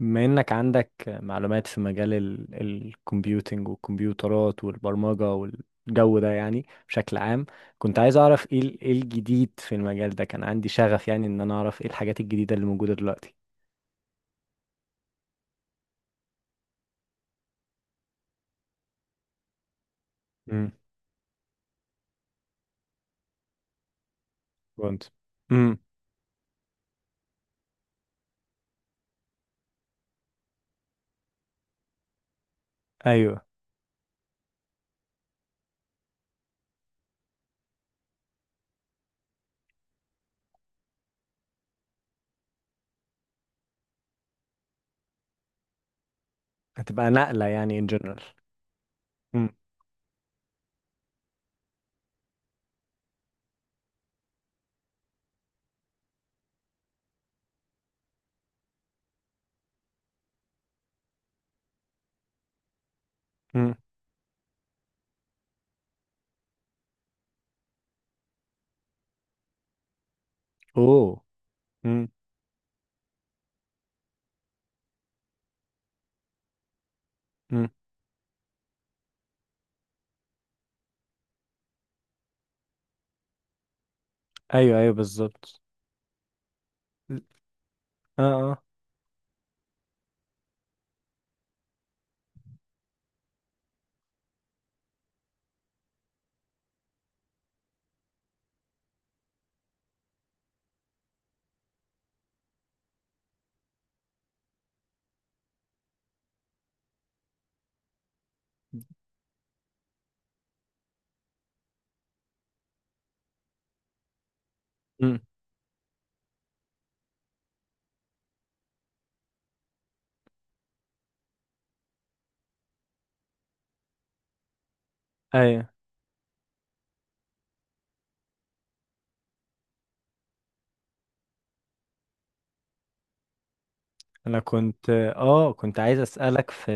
بما انك عندك معلومات في مجال الكمبيوتينج والكمبيوترات والبرمجة والجو ده، يعني، بشكل عام، كنت عايز اعرف ايه إيه الجديد في المجال ده. كان عندي شغف، يعني، ان انا اعرف ايه الحاجات الجديدة اللي موجودة دلوقتي. امم كنت امم ايوه، هتبقى نقلة يعني، ان جنرال. امم. امم. اوه. امم. امم. ايوه ايوه بالظبط. اه اه. امم. ايوه. انا كنت، كنت عايز اسألك في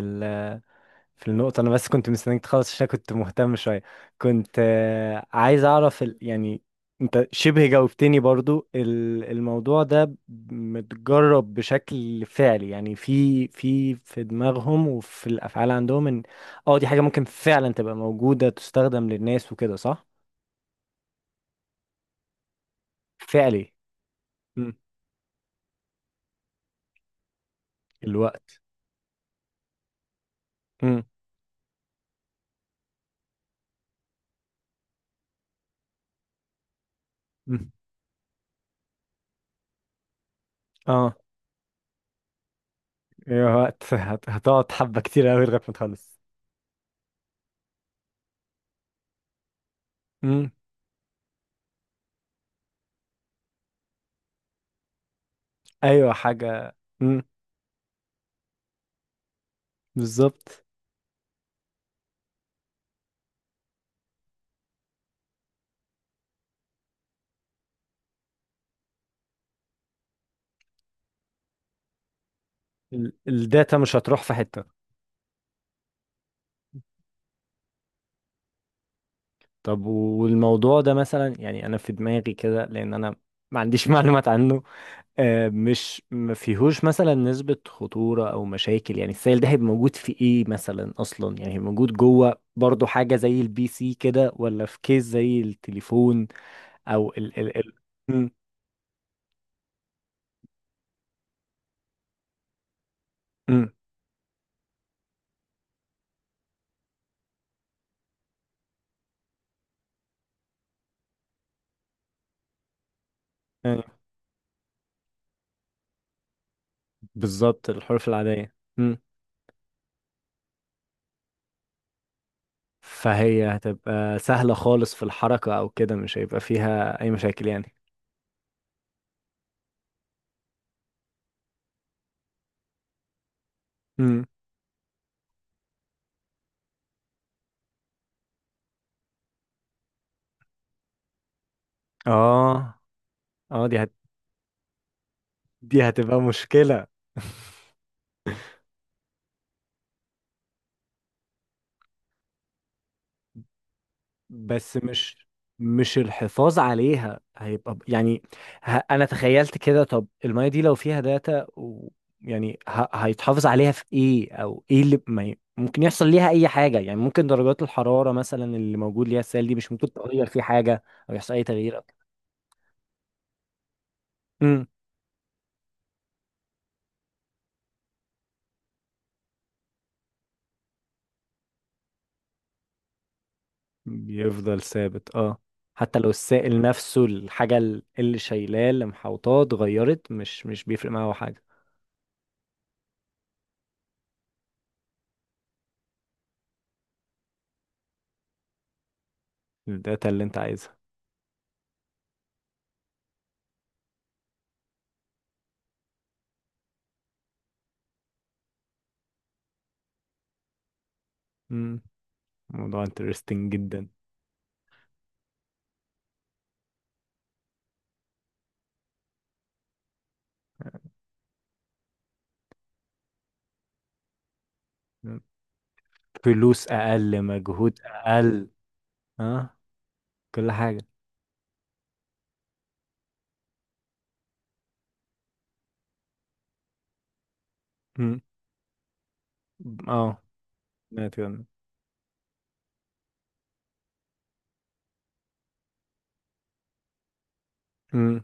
في النقطة. أنا بس كنت مستنيك تخلص عشان كنت مهتم شوية. كنت عايز أعرف يعني. أنت شبه جاوبتني برضو الموضوع ده متجرب بشكل فعلي، يعني، في دماغهم وفي الأفعال عندهم، إن أه دي حاجة ممكن فعلا تبقى موجودة تستخدم للناس وكده، صح؟ فعلي. مم. الوقت. مم. مم. أه. أيوة، وقت. هتقعد حبة كتير أوي لغاية ما تخلص. مم. أيوة، حاجة. مم. بالظبط. الداتا مش هتروح في حتة. طب والموضوع ده مثلا، يعني، انا في دماغي كده لان انا ما عنديش معلومات عنه. مش ما فيهوش مثلا نسبة خطورة او مشاكل، يعني السائل ده هيبقى موجود في ايه مثلا اصلا؟ يعني هيبقى موجود جوه برضو حاجة زي البي سي كده، ولا في كيس زي التليفون او ال. مم. مم. أيوة. بالظبط الحروف العادية. مم. فهي هتبقى سهلة خالص في الحركة او كده، مش هيبقى فيها اي مشاكل يعني. مم. اه اه. دي هتبقى مشكلة. بس مش مش الحفاظ عليها هيبقى ب-، يعني، انا تخيلت كده، طب المية دي لو فيها داتا و...، يعني، هيتحافظ عليها في ايه؟ او ايه اللي ما ي... ممكن يحصل ليها اي حاجة؟ يعني ممكن درجات الحرارة مثلا اللي موجود ليها السائل دي مش ممكن تغير فيه حاجة او يحصل اي تغيير أو كده. امم. بيفضل ثابت، اه. حتى لو السائل نفسه، الحاجة اللي شايلاه اللي محوطاه اتغيرت، مش بيفرق معاه حاجة. الداتا اللي انت عايزها. مم. موضوع انترستنج جدا. فلوس اقل، مجهود اقل. اه. كل حاجه. مم. اه. سمعت كده. مم.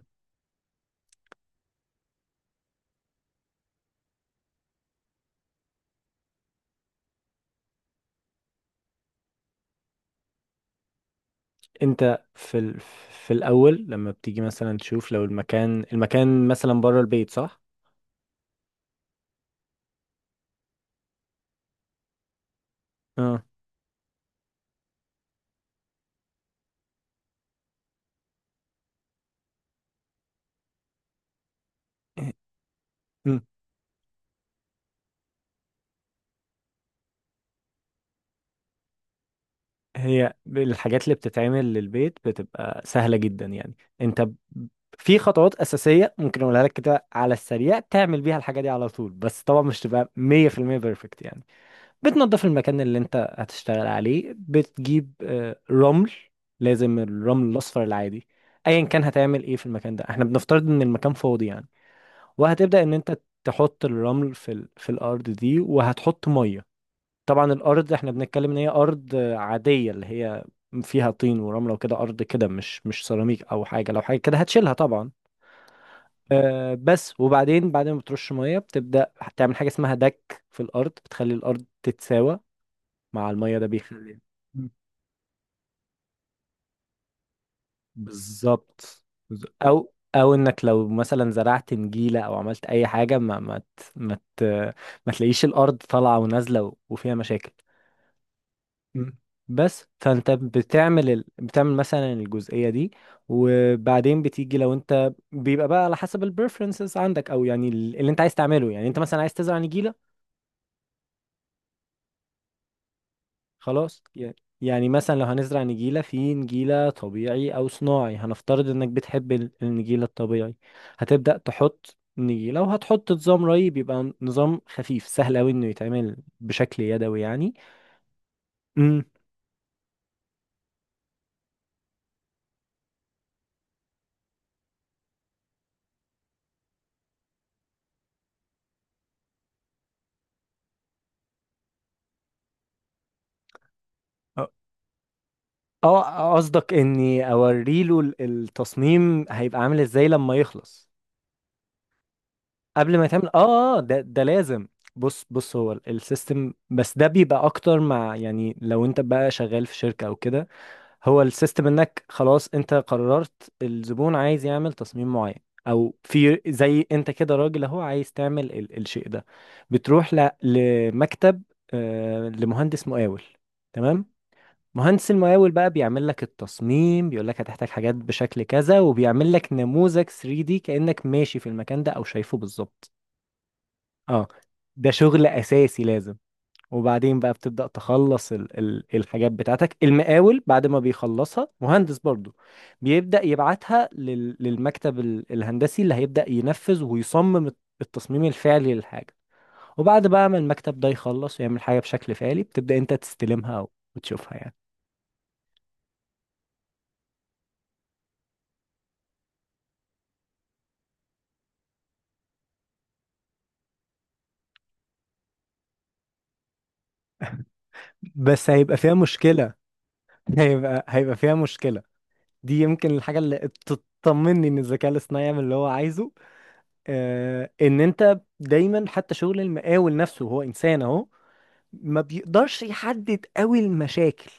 انت في في الاول، لما بتيجي مثلا تشوف لو المكان، مثلا بره البيت، صح؟ اه. مم. هي الحاجات اللي بتتعمل للبيت بتبقى سهله جدا، يعني انت ب-، في خطوات اساسيه ممكن اقولها لك كده على السريع، تعمل بيها الحاجه دي على طول، بس طبعا مش تبقى 100% بيرفكت يعني. بتنظف المكان اللي انت هتشتغل عليه، بتجيب رمل. لازم الرمل الاصفر العادي. ايا كان هتعمل ايه في المكان ده، احنا بنفترض ان المكان فاضي يعني. وهتبدأ ان انت تحط الرمل في في الارض دي، وهتحط ميه. طبعا الارض احنا بنتكلم ان هي ارض عادية، اللي هي فيها طين ورملة وكده، ارض كده، مش مش سيراميك او حاجة. لو حاجة كده هتشيلها طبعا. أه بس، وبعدين بعد ما بترش ميه، بتبدأ تعمل حاجة اسمها دك في الارض، بتخلي الارض تتساوى مع المية. ده بيخلي بالظبط، او او انك لو مثلا زرعت نجيلة او عملت اي حاجة، ما تلاقيش الارض طالعة ونازلة وفيها مشاكل. مم. بس فانت بتعمل بتعمل مثلا الجزئية دي. وبعدين بتيجي، لو انت بيبقى بقى على حسب البريفرنسز عندك، او يعني اللي انت عايز تعمله. يعني انت مثلا عايز تزرع نجيلة، خلاص. يعني مثلا لو هنزرع نجيلة، في نجيلة طبيعي أو صناعي، هنفترض إنك بتحب النجيلة الطبيعي. هتبدأ تحط نجيلة، وهتحط نظام ري، بيبقى نظام خفيف سهل أوي إنه يتعمل بشكل يدوي يعني. امم. أ- اه قصدك إني أوريله التصميم هيبقى عامل إزاي لما يخلص. قبل ما يتعمل، اه، ده لازم. بص هو السيستم بس ده بيبقى أكتر مع، يعني لو أنت بقى شغال في شركة أو كده. هو السيستم انك خلاص انت قررت الزبون عايز يعمل تصميم معين، او في زي انت كده، راجل اهو عايز تعمل ال الشيء ده. بتروح لمكتب، آه، لمهندس مقاول، تمام. مهندس المقاول بقى بيعمل لك التصميم، بيقول لك هتحتاج حاجات بشكل كذا، وبيعمل لك نموذج 3D كأنك ماشي في المكان ده او شايفه بالظبط. اه. ده شغل اساسي لازم. وبعدين بقى بتبدأ تخلص ال ال الحاجات بتاعتك. المقاول بعد ما بيخلصها، مهندس برضو بيبدأ يبعتها للمكتب الهندسي، اللي هيبدأ ينفذ ويصمم التصميم الفعلي للحاجة. وبعد بقى ما المكتب ده يخلص ويعمل حاجة بشكل فعلي، بتبدأ انت تستلمها او وتشوفها يعني. بس هيبقى فيها مشكلة. هيبقى فيها مشكلة. دي يمكن الحاجة اللي تطمني ان الذكاء الاصطناعي يعمل اللي هو عايزه. آه، ان انت دايما، حتى شغل المقاول نفسه، هو انسان اهو، ما بيقدرش يحدد قوي المشاكل.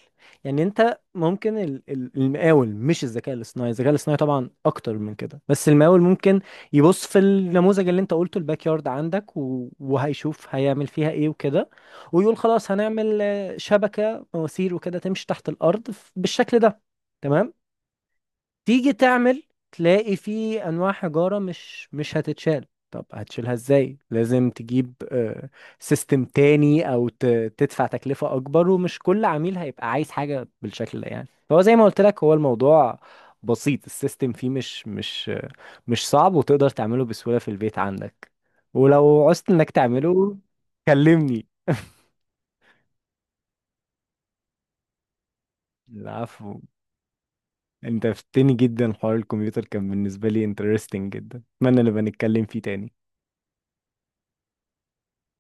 يعني انت ممكن المقاول، مش الذكاء الاصطناعي، الذكاء الاصطناعي طبعا اكتر من كده، بس المقاول ممكن يبص في النموذج اللي انت قلته، الباك يارد عندك، وهيشوف هيعمل فيها ايه وكده، ويقول خلاص هنعمل، شبكة مواسير وكده تمشي تحت الارض بالشكل ده. تمام. تيجي تعمل، تلاقي في انواع حجارة مش هتتشال. طب هتشيلها ازاي؟ لازم تجيب سيستم تاني، او تدفع تكلفة اكبر. ومش كل عميل هيبقى عايز حاجة بالشكل ده يعني. فهو زي ما قلت لك، هو الموضوع بسيط، السيستم فيه مش صعب، وتقدر تعمله بسهولة في البيت عندك. ولو عوزت انك تعمله كلمني. العفو. انت فتني جدا، حوار الكمبيوتر كان بالنسبة لي انترستنج جدا، اتمنى نبقى نتكلم فيه تاني.